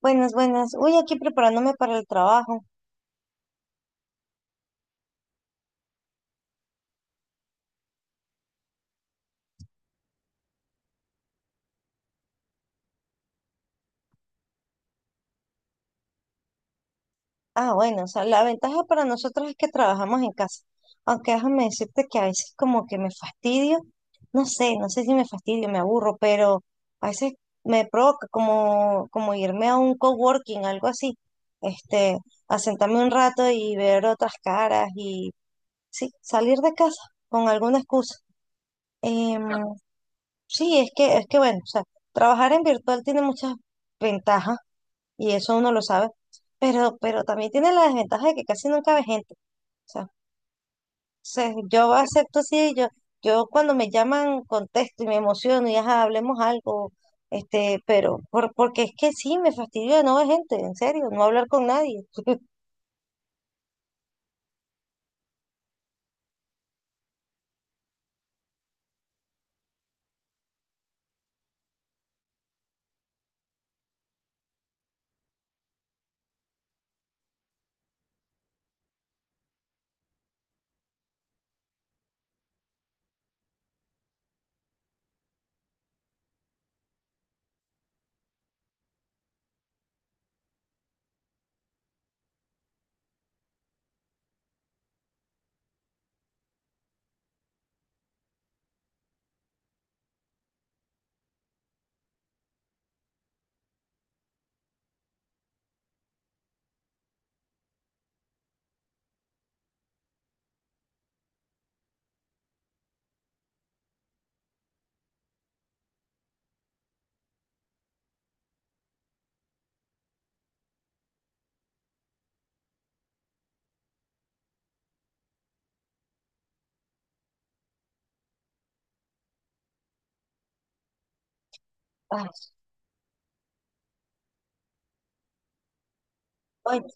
Buenas, buenas. Uy, aquí preparándome para el trabajo. Ah, bueno, o sea, la ventaja para nosotros es que trabajamos en casa. Aunque déjame decirte que a veces como que me fastidio. No sé si me fastidio, me aburro, pero a veces me provoca como, como irme a un coworking, algo así. Este, a sentarme un rato y ver otras caras y sí, salir de casa con alguna excusa. Em, sí, es que bueno, o sea, trabajar en virtual tiene muchas ventajas y eso uno lo sabe, pero también tiene la desventaja de que casi nunca ve gente. O sea, yo acepto así, yo cuando me llaman contesto y me emociono y ajá, hablemos algo, pero porque es que sí, me fastidio de no ver gente, en serio, no hablar con nadie. Ay, oye,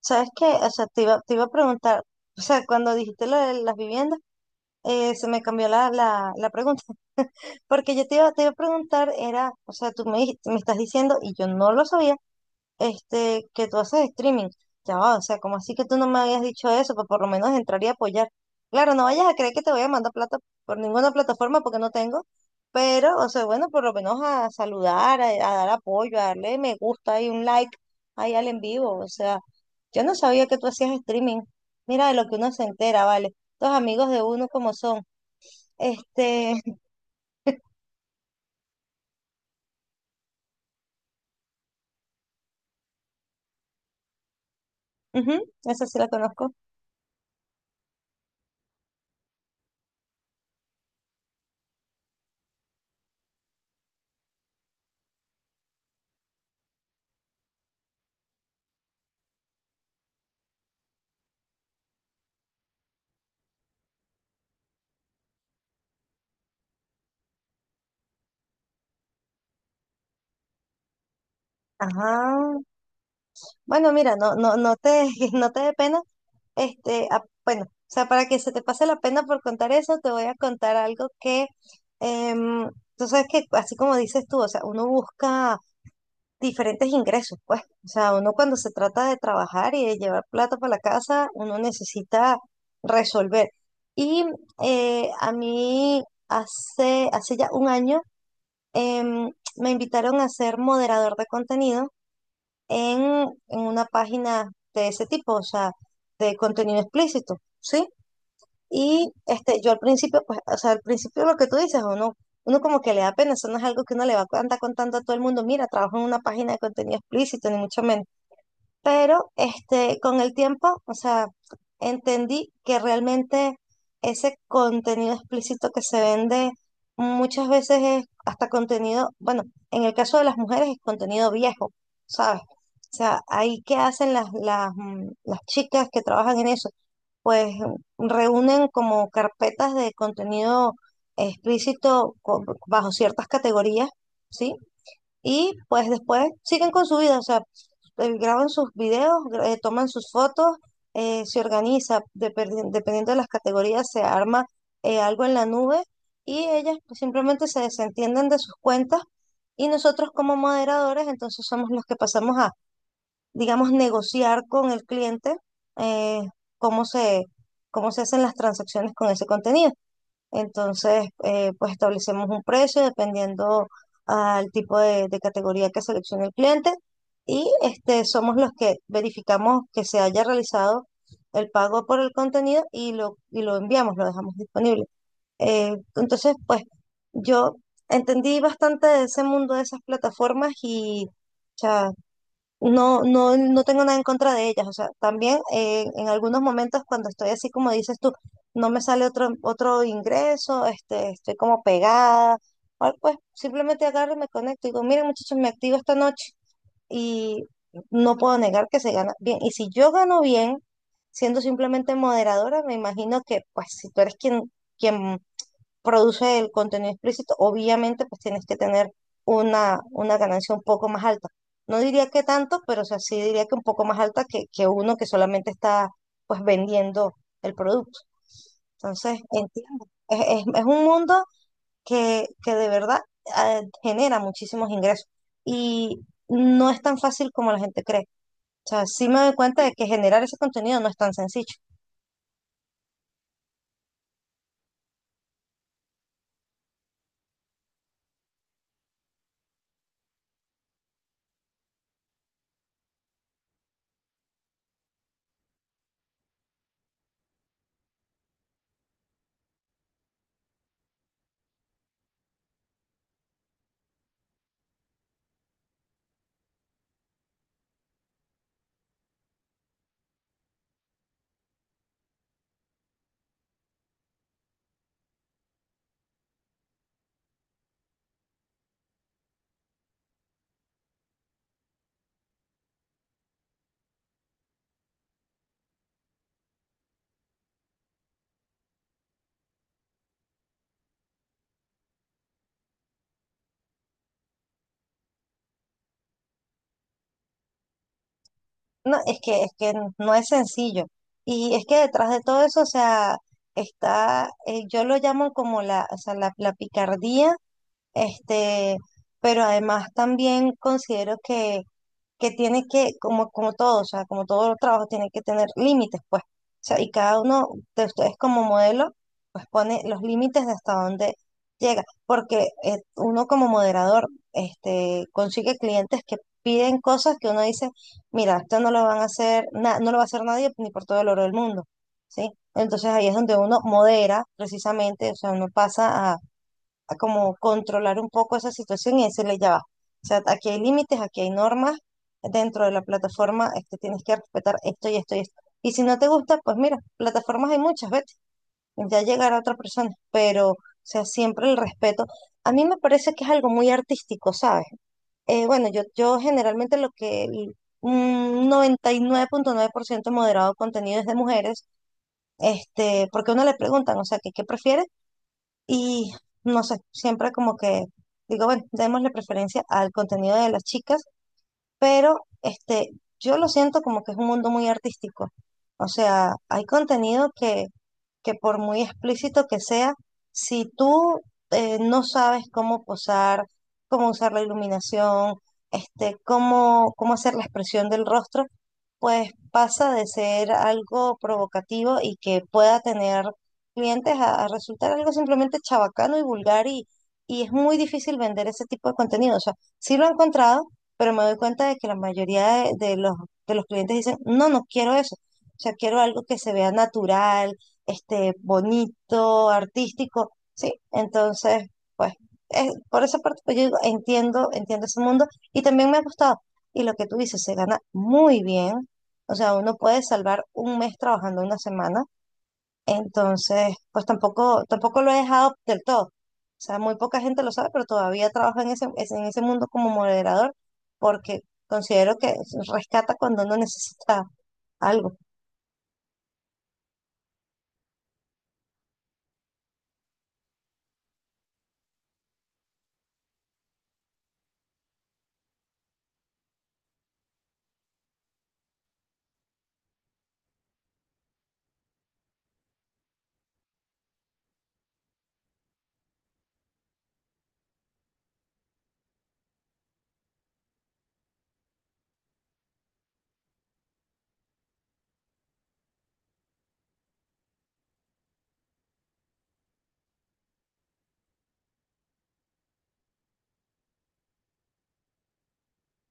¿sabes qué? O sea, te iba a preguntar, o sea, cuando dijiste lo de las viviendas, se me cambió la pregunta, porque yo te iba a preguntar, era, o sea, me estás diciendo, y yo no lo sabía, que tú haces streaming. Ya va, o sea, como así que tú no me habías dicho eso? Pues por lo menos entraría a apoyar. Claro, no vayas a creer que te voy a mandar plata por ninguna plataforma porque no tengo, pero, o sea, bueno, por lo menos a saludar, a dar apoyo, a darle me gusta y un like ahí al en vivo. O sea, yo no sabía que tú hacías streaming. Mira de lo que uno se entera, ¿vale? Los amigos de uno como son. Este, ujú, esa sí la conozco. Ajá. Bueno, mira, no, no, no te, no te dé pena. Bueno, o sea, para que se te pase la pena por contar eso, te voy a contar algo que, em, tú sabes que así como dices tú, o sea, uno busca diferentes ingresos, pues, o sea, uno cuando se trata de trabajar y de llevar plata para la casa, uno necesita resolver. Y a mí hace ya un año, em, me invitaron a ser moderador de contenido en, en una página de ese tipo, o sea, de contenido explícito. ¿Sí? Y yo al principio, pues, o sea, al principio lo que tú dices, uno, uno como que le da pena, eso no es algo que uno le va a andar contando a todo el mundo, mira, trabajo en una página de contenido explícito, ni mucho menos, pero con el tiempo, o sea, entendí que realmente ese contenido explícito que se vende muchas veces es hasta contenido, bueno, en el caso de las mujeres es contenido viejo, ¿sabes? O sea, ahí qué hacen las, las chicas que trabajan en eso, pues reúnen como carpetas de contenido explícito bajo ciertas categorías, ¿sí? Y pues después siguen con su vida, o sea, graban sus videos, toman sus fotos, se organiza, dependiendo de las categorías, se arma algo en la nube y ellas pues, simplemente se desentienden de sus cuentas y nosotros como moderadores entonces somos los que pasamos a, digamos, negociar con el cliente, eh, cómo se, cómo se hacen las transacciones con ese contenido. Entonces, pues establecemos un precio dependiendo al tipo de categoría que seleccione el cliente y somos los que verificamos que se haya realizado el pago por el contenido y lo enviamos, lo dejamos disponible. Entonces, pues yo entendí bastante de ese mundo de esas plataformas y no, no, no tengo nada en contra de ellas. O sea, también en algunos momentos cuando estoy así como dices tú, no me sale otro ingreso, estoy como pegada, pues simplemente agarro y me conecto y digo, miren muchachos, me activo esta noche y no puedo negar que se gana bien. Y si yo gano bien, siendo simplemente moderadora, me imagino que pues si tú eres quien, quien produce el contenido explícito, obviamente pues tienes que tener una ganancia un poco más alta. No diría que tanto, pero o sea, sí diría que un poco más alta que uno que solamente está pues vendiendo el producto. Entonces, entiendo. Es, es un mundo que de verdad genera muchísimos ingresos y no es tan fácil como la gente cree. O sea, sí me doy cuenta de que generar ese contenido no es tan sencillo. No, es que no es sencillo. Y es que detrás de todo eso, o sea, está, yo lo llamo como la, o sea, la picardía, este, pero además también considero que tiene que, como, como todo, o sea, como todos los trabajos, tienen que tener límites, pues. O sea, y cada uno de ustedes como modelo, pues pone los límites de hasta dónde llega, porque uno como moderador, consigue clientes que piden cosas que uno dice, mira, esto no lo van a hacer, no lo va a hacer nadie ni por todo el oro del mundo, ¿sí? Entonces ahí es donde uno modera precisamente, o sea, uno pasa a como controlar un poco esa situación y decirle ya va. O sea, aquí hay límites, aquí hay normas, dentro de la plataforma tienes que respetar esto y esto y esto. Y si no te gusta, pues mira, plataformas hay muchas, vete, ya llegará otra persona, pero, o sea, siempre el respeto. A mí me parece que es algo muy artístico, ¿sabes? Bueno, yo generalmente lo que un 99,9% moderado de contenido es de mujeres, porque a uno le preguntan, o sea, ¿que qué prefieres? Y no sé, siempre como que digo, bueno, démosle preferencia al contenido de las chicas, pero yo lo siento como que es un mundo muy artístico. O sea, hay contenido que por muy explícito que sea, si tú no sabes cómo posar, cómo usar la iluminación, cómo, cómo hacer la expresión del rostro, pues pasa de ser algo provocativo y que pueda tener clientes a resultar algo simplemente chabacano y vulgar y es muy difícil vender ese tipo de contenido. O sea, sí lo he encontrado, pero me doy cuenta de que la mayoría de los clientes dicen, no, no quiero eso. O sea, quiero algo que se vea natural, bonito, artístico, ¿sí? Entonces, pues, por esa parte, pues yo digo, entiendo, entiendo ese mundo y también me ha gustado. Y lo que tú dices, se gana muy bien. O sea, uno puede salvar un mes trabajando una semana, entonces, pues tampoco, tampoco lo he dejado del todo. O sea, muy poca gente lo sabe, pero todavía trabajo en ese, en ese mundo como moderador porque considero que rescata cuando uno necesita algo.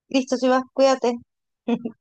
Listo, si vas, cuídate.